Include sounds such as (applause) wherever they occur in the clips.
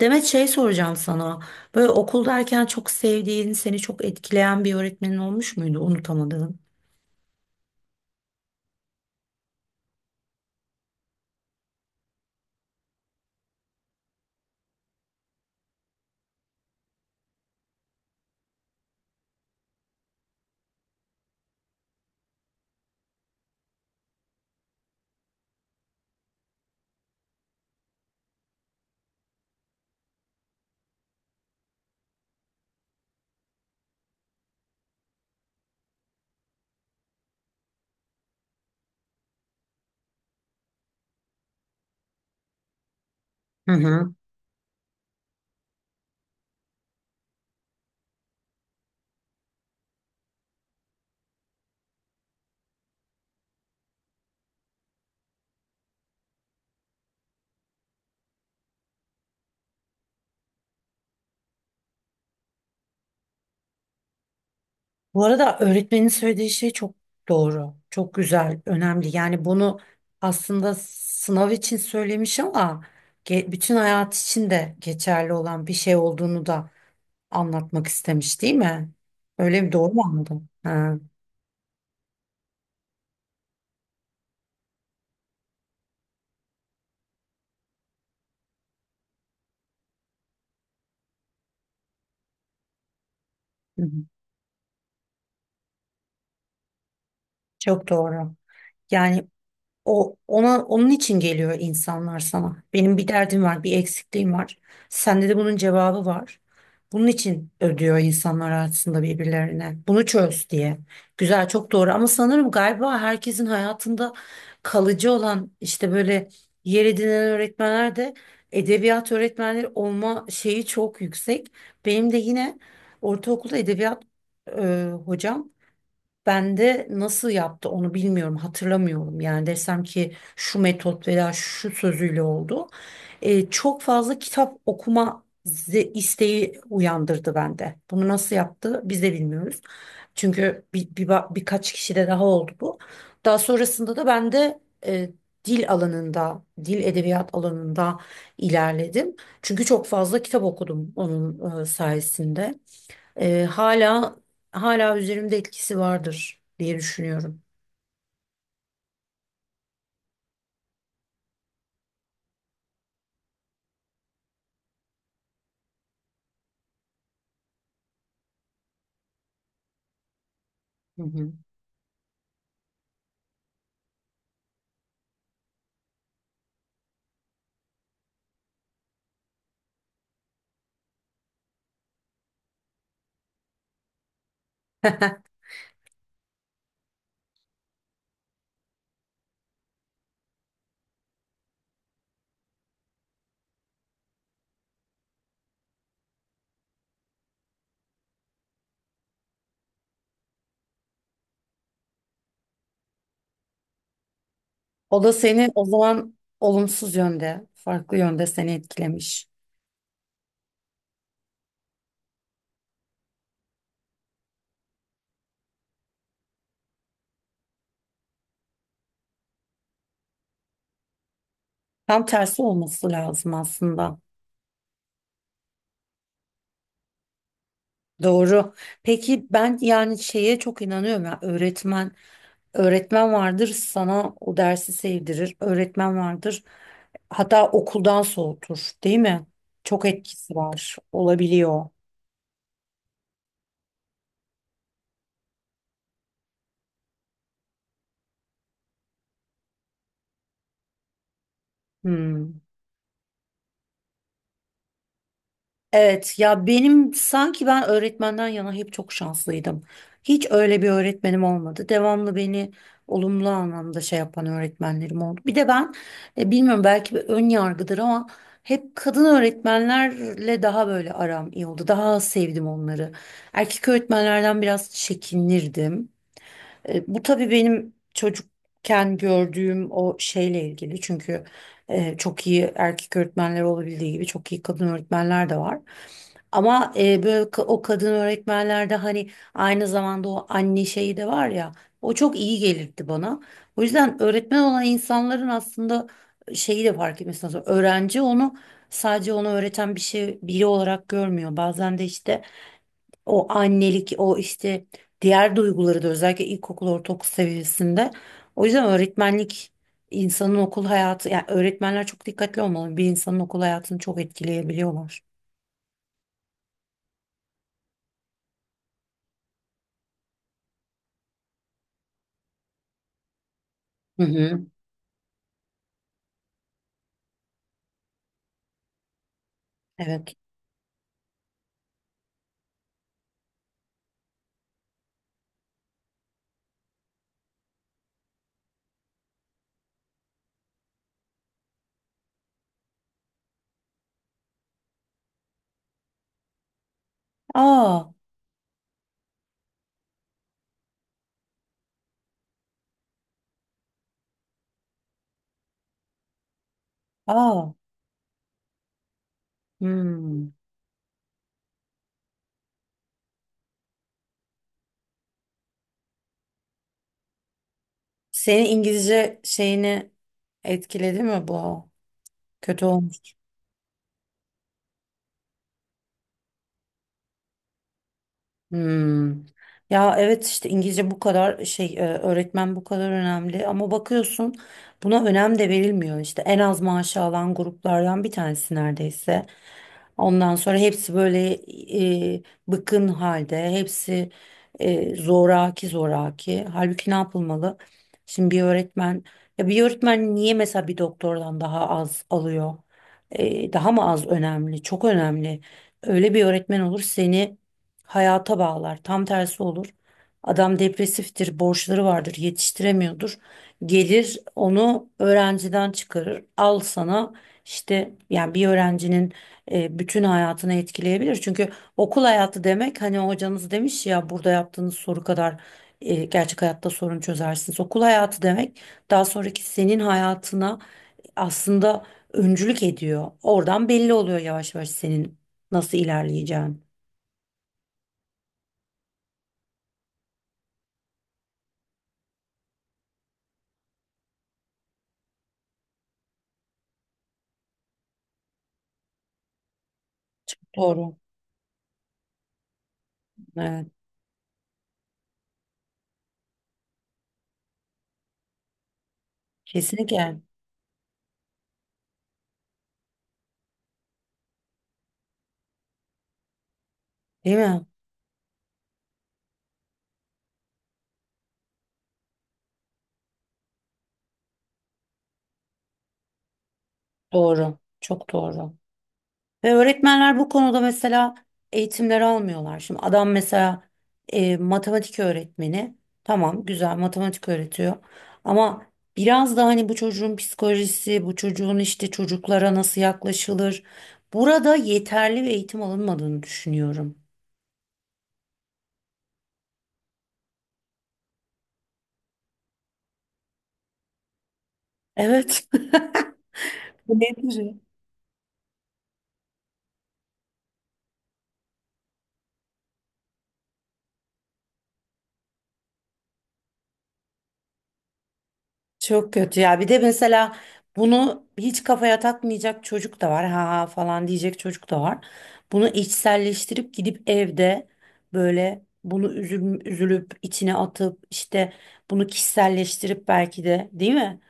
Demet şey soracağım sana. Böyle okuldayken çok sevdiğin, seni çok etkileyen bir öğretmenin olmuş muydu? Unutamadığın. Hı hı. Bu arada öğretmenin söylediği şey çok doğru, çok güzel, önemli. Yani bunu aslında sınav için söylemiş ama bütün hayat için de geçerli olan bir şey olduğunu da anlatmak istemiş, değil mi? Öyle mi? Doğru mu anladım? Ha. Hı hı. Çok doğru. Yani o ona onun için geliyor insanlar sana. Benim bir derdim var, bir eksikliğim var. Sende de bunun cevabı var. Bunun için ödüyor insanlar aslında birbirlerine. Bunu çöz diye. Güzel, çok doğru. Ama sanırım galiba herkesin hayatında kalıcı olan işte böyle yer edinen öğretmenler de edebiyat öğretmenleri olma şeyi çok yüksek. Benim de yine ortaokulda edebiyat hocam ben de nasıl yaptı onu bilmiyorum, hatırlamıyorum. Yani desem ki şu metot veya şu sözüyle oldu. Çok fazla kitap okuma isteği uyandırdı bende. Bunu nasıl yaptı biz de bilmiyoruz. Çünkü birkaç kişide daha oldu bu. Daha sonrasında da ben de e, dil alanında, dil edebiyat alanında ilerledim. Çünkü çok fazla kitap okudum onun sayesinde. Ee, hala Hala üzerimde etkisi vardır diye düşünüyorum. Hı hı. (laughs) O da seni o zaman olumsuz yönde, farklı yönde seni etkilemiş. Tam tersi olması lazım aslında. Doğru. Peki ben yani şeye çok inanıyorum ya öğretmen vardır sana o dersi sevdirir. Öğretmen vardır hatta okuldan soğutur, değil mi? Çok etkisi var. Olabiliyor. Hmm. Evet ya benim sanki ben öğretmenden yana hep çok şanslıydım. Hiç öyle bir öğretmenim olmadı. Devamlı beni olumlu anlamda şey yapan öğretmenlerim oldu. Bir de ben bilmiyorum belki bir ön yargıdır ama hep kadın öğretmenlerle daha böyle aram iyi oldu. Daha az sevdim onları. Erkek öğretmenlerden biraz çekinirdim. E, bu tabii benim çocukken gördüğüm o şeyle ilgili. Çünkü çok iyi erkek öğretmenler olabildiği gibi çok iyi kadın öğretmenler de var. Ama o kadın öğretmenlerde hani aynı zamanda o anne şeyi de var ya o çok iyi gelirdi bana. O yüzden öğretmen olan insanların aslında şeyi de fark etmesi lazım. Öğrenci onu sadece onu öğreten bir şey biri olarak görmüyor. Bazen de işte o annelik o işte diğer duyguları da özellikle ilkokul ortaokul seviyesinde. O yüzden öğretmenlik insanın okul hayatı yani öğretmenler çok dikkatli olmalı. Bir insanın okul hayatını çok etkileyebiliyorlar. Hı hı. Evet. Aa, aa. Hmm. Senin İngilizce şeyini etkiledi mi bu? Kötü olmuş. Hmm. Ya evet işte İngilizce bu kadar şey öğretmen bu kadar önemli ama bakıyorsun buna önem de verilmiyor işte en az maaşı alan gruplardan bir tanesi neredeyse. Ondan sonra hepsi böyle e, bıkın halde hepsi zoraki zoraki halbuki ne yapılmalı? Şimdi bir öğretmen ya bir öğretmen niye mesela bir doktordan daha az alıyor? E, daha mı az önemli? Çok önemli. Öyle bir öğretmen olur seni hayata bağlar. Tam tersi olur. Adam depresiftir, borçları vardır, yetiştiremiyordur. Gelir onu öğrenciden çıkarır. Al sana işte yani bir öğrencinin bütün hayatını etkileyebilir. Çünkü okul hayatı demek hani hocanız demiş ya burada yaptığınız soru kadar gerçek hayatta sorun çözersiniz. Okul hayatı demek daha sonraki senin hayatına aslında öncülük ediyor. Oradan belli oluyor yavaş yavaş senin nasıl ilerleyeceğin. Doğru. Evet. Kesinlikle. Değil mi? Doğru. Çok doğru. Ve öğretmenler bu konuda mesela eğitimleri almıyorlar. Şimdi adam mesela matematik öğretmeni. Tamam güzel matematik öğretiyor. Ama biraz da hani bu çocuğun psikolojisi, bu çocuğun işte çocuklara nasıl yaklaşılır. Burada yeterli bir eğitim alınmadığını düşünüyorum. Evet. (laughs) Bu nedir? Çok kötü ya. Bir de mesela bunu hiç kafaya takmayacak çocuk da var. Ha ha falan diyecek çocuk da var. Bunu içselleştirip gidip evde böyle bunu üzülüp içine atıp işte bunu kişiselleştirip belki de değil mi?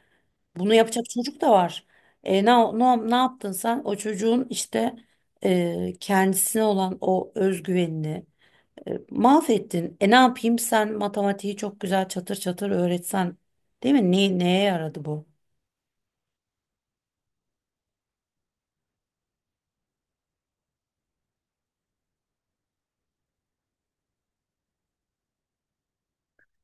Bunu yapacak çocuk da var. Ne yaptın sen? O çocuğun işte kendisine olan o özgüvenini mahvettin. E ne yapayım sen matematiği çok güzel çatır çatır öğretsen değil mi? Neye yaradı bu?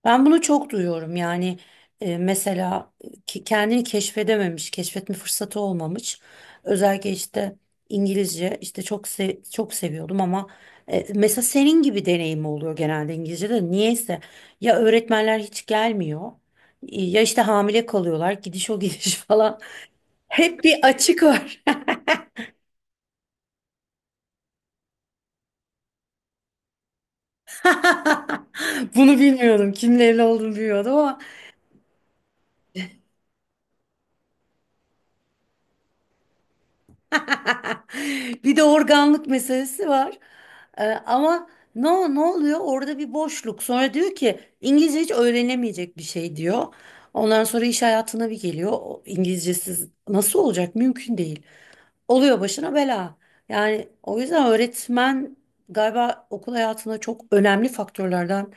Ben bunu çok duyuyorum yani mesela kendini keşfedememiş, keşfetme fırsatı olmamış. Özellikle işte İngilizce işte çok seviyordum ama mesela senin gibi deneyim oluyor genelde İngilizce'de. Niyeyse ya öğretmenler hiç gelmiyor ya işte hamile kalıyorlar gidiş o gidiş (laughs) falan. Hep bir açık var. (laughs) Bunu bilmiyordum. Kimle evli olduğunu bilmiyordum ama. (laughs) Bir de organlık meselesi var. Ama ne ne oluyor? Orada bir boşluk. Sonra diyor ki İngilizce hiç öğrenemeyecek bir şey diyor. Ondan sonra iş hayatına bir geliyor. O İngilizcesiz nasıl olacak? Mümkün değil. Oluyor başına bela. Yani o yüzden öğretmen galiba okul hayatında çok önemli faktörlerden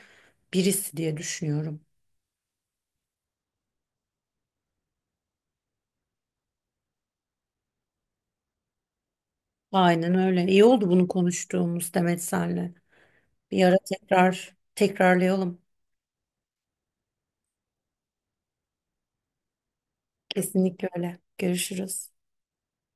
birisi diye düşünüyorum. Aynen öyle. İyi oldu bunu konuştuğumuz Demet senle. Bir ara tekrar tekrarlayalım. Kesinlikle öyle. Görüşürüz.